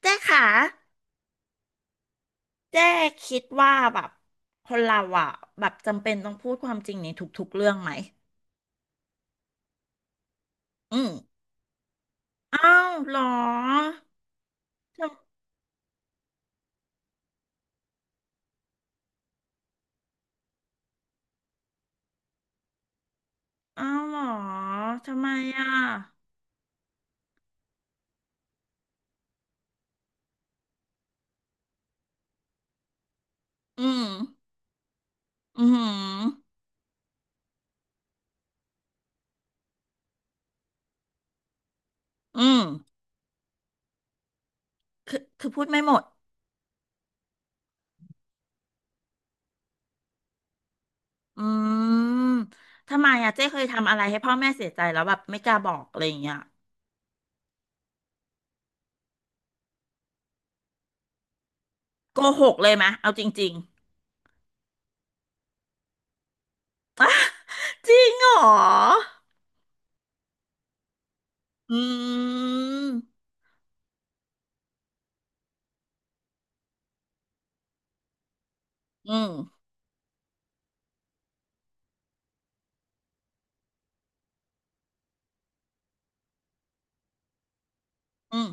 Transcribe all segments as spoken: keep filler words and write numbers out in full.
เจ๊ค่ะเจ๊คิดว่าแบบคนเราอ่ะแบบจำเป็นต้องพูดความจริงในทุกๆเรื่องไหมอืมอ้าวเหรอทำอ้าวเหรอทำไมอ่ะอืมอืมอืมคือคือพูดไม่หมดอืมทำไมอ่ะเจ๊เคยทำอะไรให้พ่อแม่เสียใจแล้วแบบไม่กล้าบอกอะไรอย่างเงี้ยโกหกเลยไหมเอาจริงๆจริงเหรออืมอืมอืม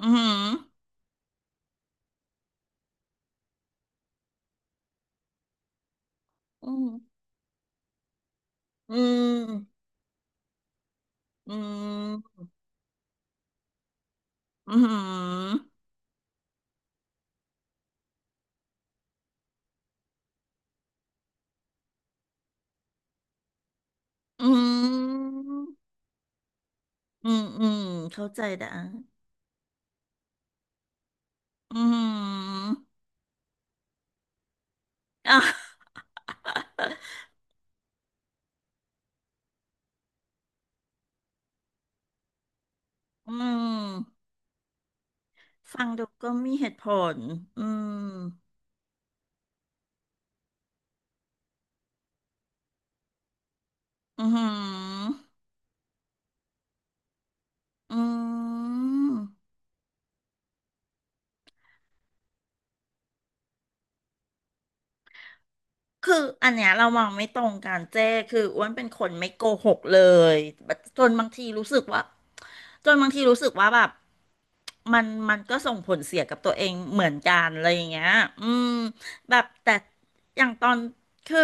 อืมอืม อืมอืมอืมอืมอืมอืมเข้าใจนะอืมอ่ะอืมฟังดูก็มีเหตุผลอืมอืมอืม คืออันเนี้ยเรามองไม่ตรงกันเจ้คืออ้วนเป็นคนไม่โกหกเลยจนบางทีรู้สึกว่าจนบางทีรู้สึกว่าแบบมันมันก็ส่งผลเสียกับตัวเองเหมือนกันอะไรอย่างเงี้ยอืมแบบแต่อย่างตอนคือ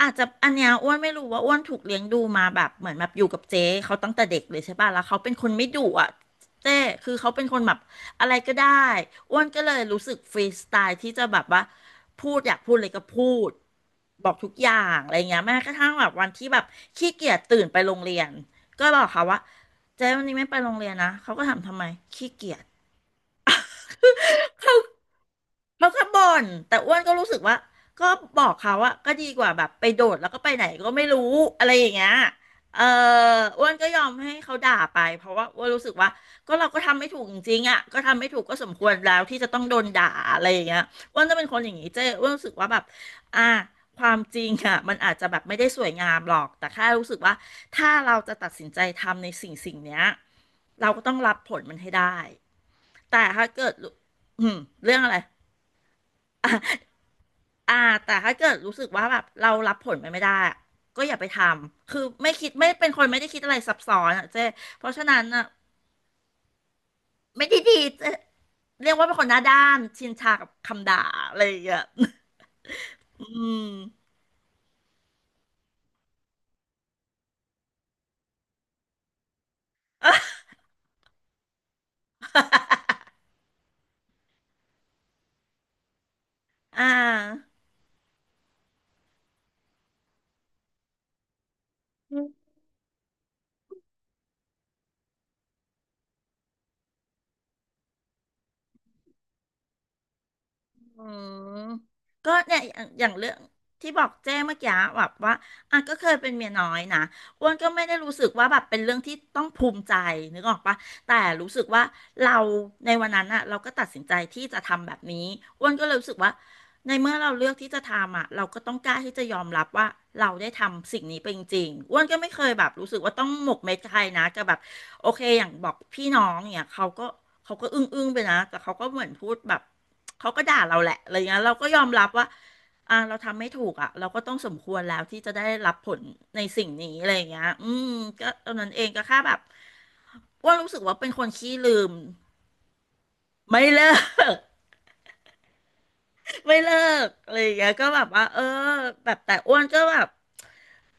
อาจจะอันเนี้ยอ้วนไม่รู้ว่าอ้วนถูกเลี้ยงดูมาแบบเหมือนแบบอยู่กับเจ๊เขาตั้งแต่เด็กเลยใช่ป่ะแล้วเขาเป็นคนไม่ดุอ่ะเจ้คือเขาเป็นคนแบบ อะไรก็ได้อ้วนก็เลยรู้สึกฟรีสไตล์ที่จะแบบว่าพูดอยากพูดอะไรก็พูดบอกทุกอย่างอะไรเงี้ยแม้กระทั่งแบบวันที่แบบขี้เกียจตื่นไปโรงเรียนก็บอกเขาว่าเจ๊วันนี้ไม่ไปโรงเรียนนะเขาก็ถามทำไมขี้เกียจ เขาก็บ่นแต่อ้วนก็รู้สึกว่าก็บอกเขาว่าก็ดีกว่าแบบไปโดดแล้วก็ไปไหนก็ไม่รู้อะไรอย่างเงี้ยเอออ้วนก็ยอมให้เขาด่าไปเพราะว่าอ้วนรู้สึกว่าก็เราก็ทำไม่ถูกจริงๆอ่ะก็ทำไม่ถูกก็สมควรแล้วที่จะต้องโดนด่าอะไรอย่างเงี้ยอ้วนจะเป็นคนอย่างนี้เจ้อ้วนรู้สึกว่าแบบอ่าความจริงอ่ะมันอาจจะแบบไม่ได้สวยงามหรอกแต่แค่รู้สึกว่าถ้าเราจะตัดสินใจทำในสิ่งสิ่งเนี้ยเราก็ต้องรับผลมันให้ได้แต่ถ้าเกิดอืมเรื่องอะไร อ่ะ อ่าแต่ถ้าเกิดรู้สึกว่าแบบเรารับผลมันไม่ได้อะก็อย่าไปทำคือไม่คิดไม่เป็นคนไม่ได้คิดอะไรซับซ้อนอ่ะเจ๊เพราะฉะนั้นอ่ะไม่ได้ดีเจ๊เรียกว่าเป็นคนหน้าด้านชินชากับคำด่าอะไรอย่างเงี้ย อืมอ่า อืมก็เนี่ยอย่างอย่างเรื่องที่บอกแจ้เมื่อกี้แบบว่าอ่ะก็เคยเป็นเมียน้อยนะอ้วนก็ไม่ได้รู้สึกว่าแบบเป็นเรื่องที่ต้องภูมิใจนึกออกปะแต่รู้สึกว่าเราในวันนั้นอะเราก็ตัดสินใจที่จะทำแบบนี้อ้วนก็เลยรู้สึกว่าในเมื่อเราเลือกที่จะทำอะเราก็ต้องกล้าที่จะยอมรับว่าเราได้ทำสิ่งนี้ไปจริงๆอ้วนก็ไม่เคยแบบรู้สึกว่าต้องหมกเม็ดกับใครนะกับแบบ โอเคอย่างบอกพี่น้องเนี่ยเขาก็เขาก็อึ้งอึ้งไปนะแต่เขาก็เหมือนพูดแบบเขาก็ด่าเราแหละอะไรเงี้ยเราก็ยอมรับว่าอ่าเราทำไม่ถูกอ่ะเราก็ต้องสมควรแล้วที่จะได้รับผลในสิ่งนี้อะไรเงี้ยอืมก็ตอนนั้นเองก็แค่แบบอ้ว่ารู้สึกว่าเป็นคนขี้ลืมไม่เลิก ไม่เลิกอะไรอย่างเงี้ยก็แบบว่าเออแบบแต่อ้วนก็แบบ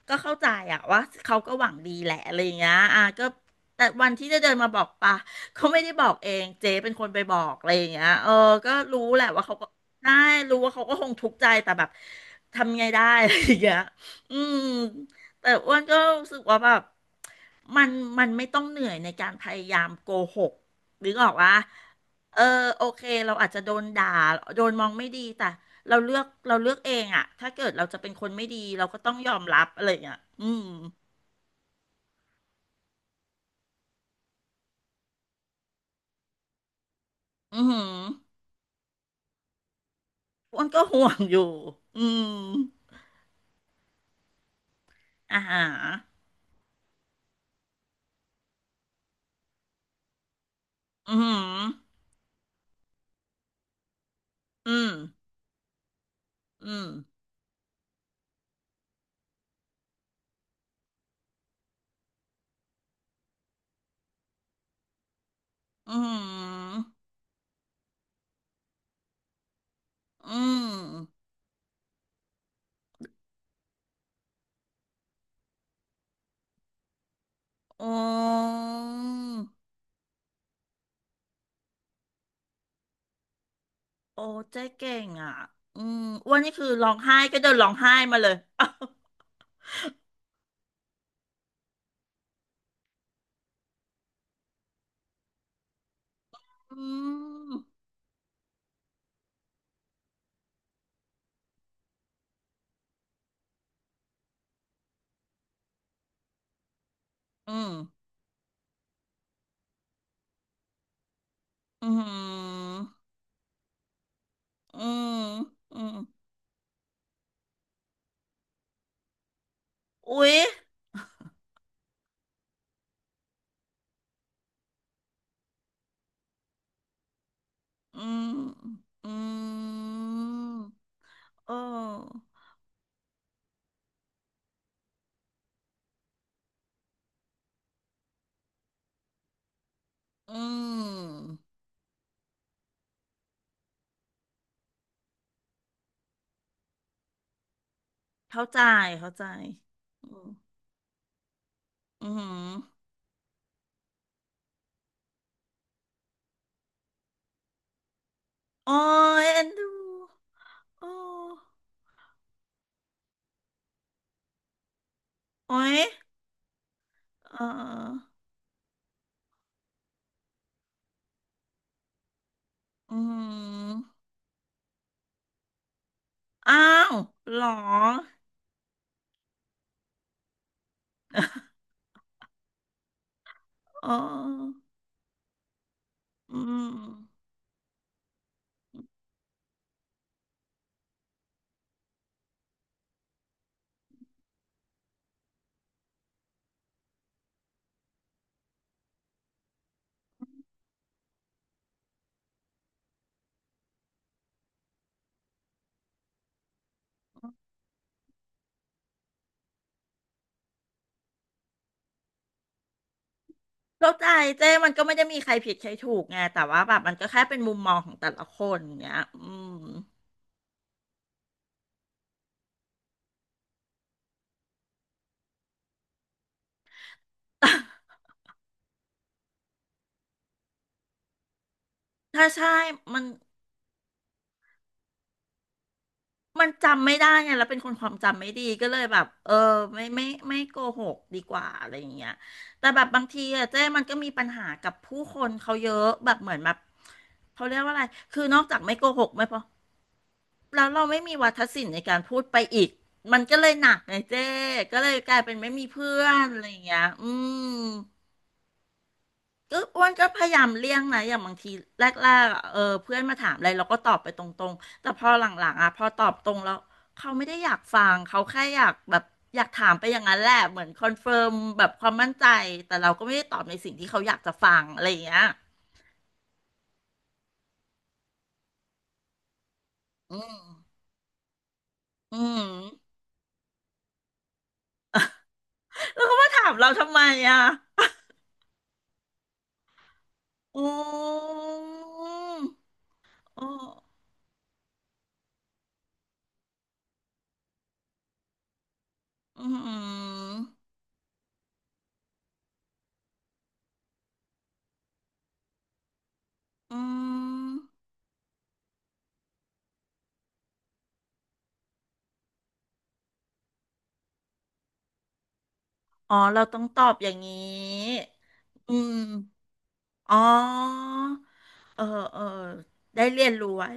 ก็เข้าใจอะว่าเขาก็หวังดีแหละอะไรอย่างเงี้ยอ่ะก็แต่วันที่จะเดินมาบอกปะเขาไม่ได้บอกเองเจ๊เป็นคนไปบอกอะไรอย่างเงี้ยเออก็รู้แหละว่าเขาก็ได้รู้ว่าเขาก็คงทุกข์ใจแต่แบบทำไงได้อะไรอย่างเงี้ยอืมแต่อ้วนก็รู้สึกว่าแบบมันมันไม่ต้องเหนื่อยในการพยายามโกหกนึกออกวะ เออโอเคเราอาจจะโดนด่าโดนมองไม่ดีแต่เราเลือกเราเลือกเองอะถ้าเกิดเราจะเป็นคนไม่ดีเราก็ต้องยอมรับอะไรอย่างเงี้ยอืมอือหืออ้วนก็ห่วงอยู่อืมอ่าหาอือหืออืมอืมอืมอืมโอ้โอ้เจ๊เก่งอ่ะอืมอ้วนนี่คือร้องไห้ก็เดินร้องไห้มาเลย อ้าอืมอืมอืมอืม อุ๊ยอืมอืมเอออืมเข้าใจเข้าใจอืมอืมโอ้ยเอ็นดูโอ้โอ้ยเอออืมอ้าวเหรอเอออืมเข้าใจเจ้มันก็ไม่ได้มีใครผิดใครถูกไงแต่ว่าแบบมันก็แค่เป็นมุมมองของแต่ละคนอย่างเงี้ยอืม ถ้าใช่มัน มันจำไม่ได้ไงแล้วเป็นคนความจำไม่ดีก็เลยแบบเออไม่ไม่ไม่โกหกดีกว่าอะไรอย่างเงี้ยแต่แบบบางทีอะเจ้มันก็มีปัญหากับผู้คนเขาเยอะแบบเหมือนแบบเขาเรียกว่าอะไรคือนอกจากไม่โกหกไม่พอแล้วเราไม่มีวาทศิลป์ในการพูดไปอีกมันก็เลยหนักไงเจ้ก็เลยกลายเป็นไม่มีเพื่อนอะไรอย่างเงี้ยอืม ก็อ้วนก็พยายามเลี่ยงนะอย่างบางทีแรกๆอะเออเพื่อนมาถามอะไรเราก็ตอบไปตรงๆแต่พอหลังๆอ่ะพอตอบตรงแล้วเขาไม่ได้อยากฟังเขาแค่อยากแบบอยากถามไปอย่างนั้นแหละเหมือนคอนเฟิร์มแบบความมั่นใจแต่เราก็ไม่ได้ตอบในสิ่งที่เขาอยากจะฟังอะไรอย่างเงี้ยอืมอืมแล้วเขามาถามเราทำไมอ่ะอืมโอ้อืมอืมอ๋อเราต้องตอบอย่างนี้อืมอ๋อ เออเออได้เรียนรู้ไว้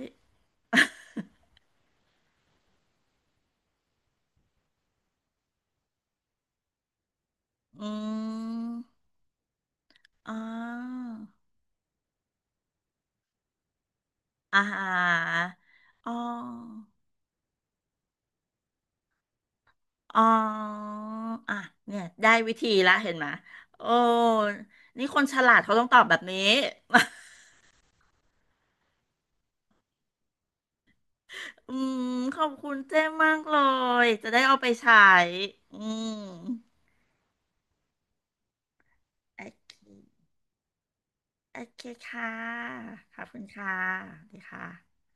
อืมอ๋ออาหารอ๋ออ๋ออ่ะเนี่ยได้วิธีละเห็นไหม โอ้ นี่คนฉลาดเขาต้องตอบแบบนี้ อืมขอบคุณเจ้มากเลย จะได้เอาไปใช้อืมโอเคโอเคค่ะ ขอบคุณค่ะสวัสดีค่ะ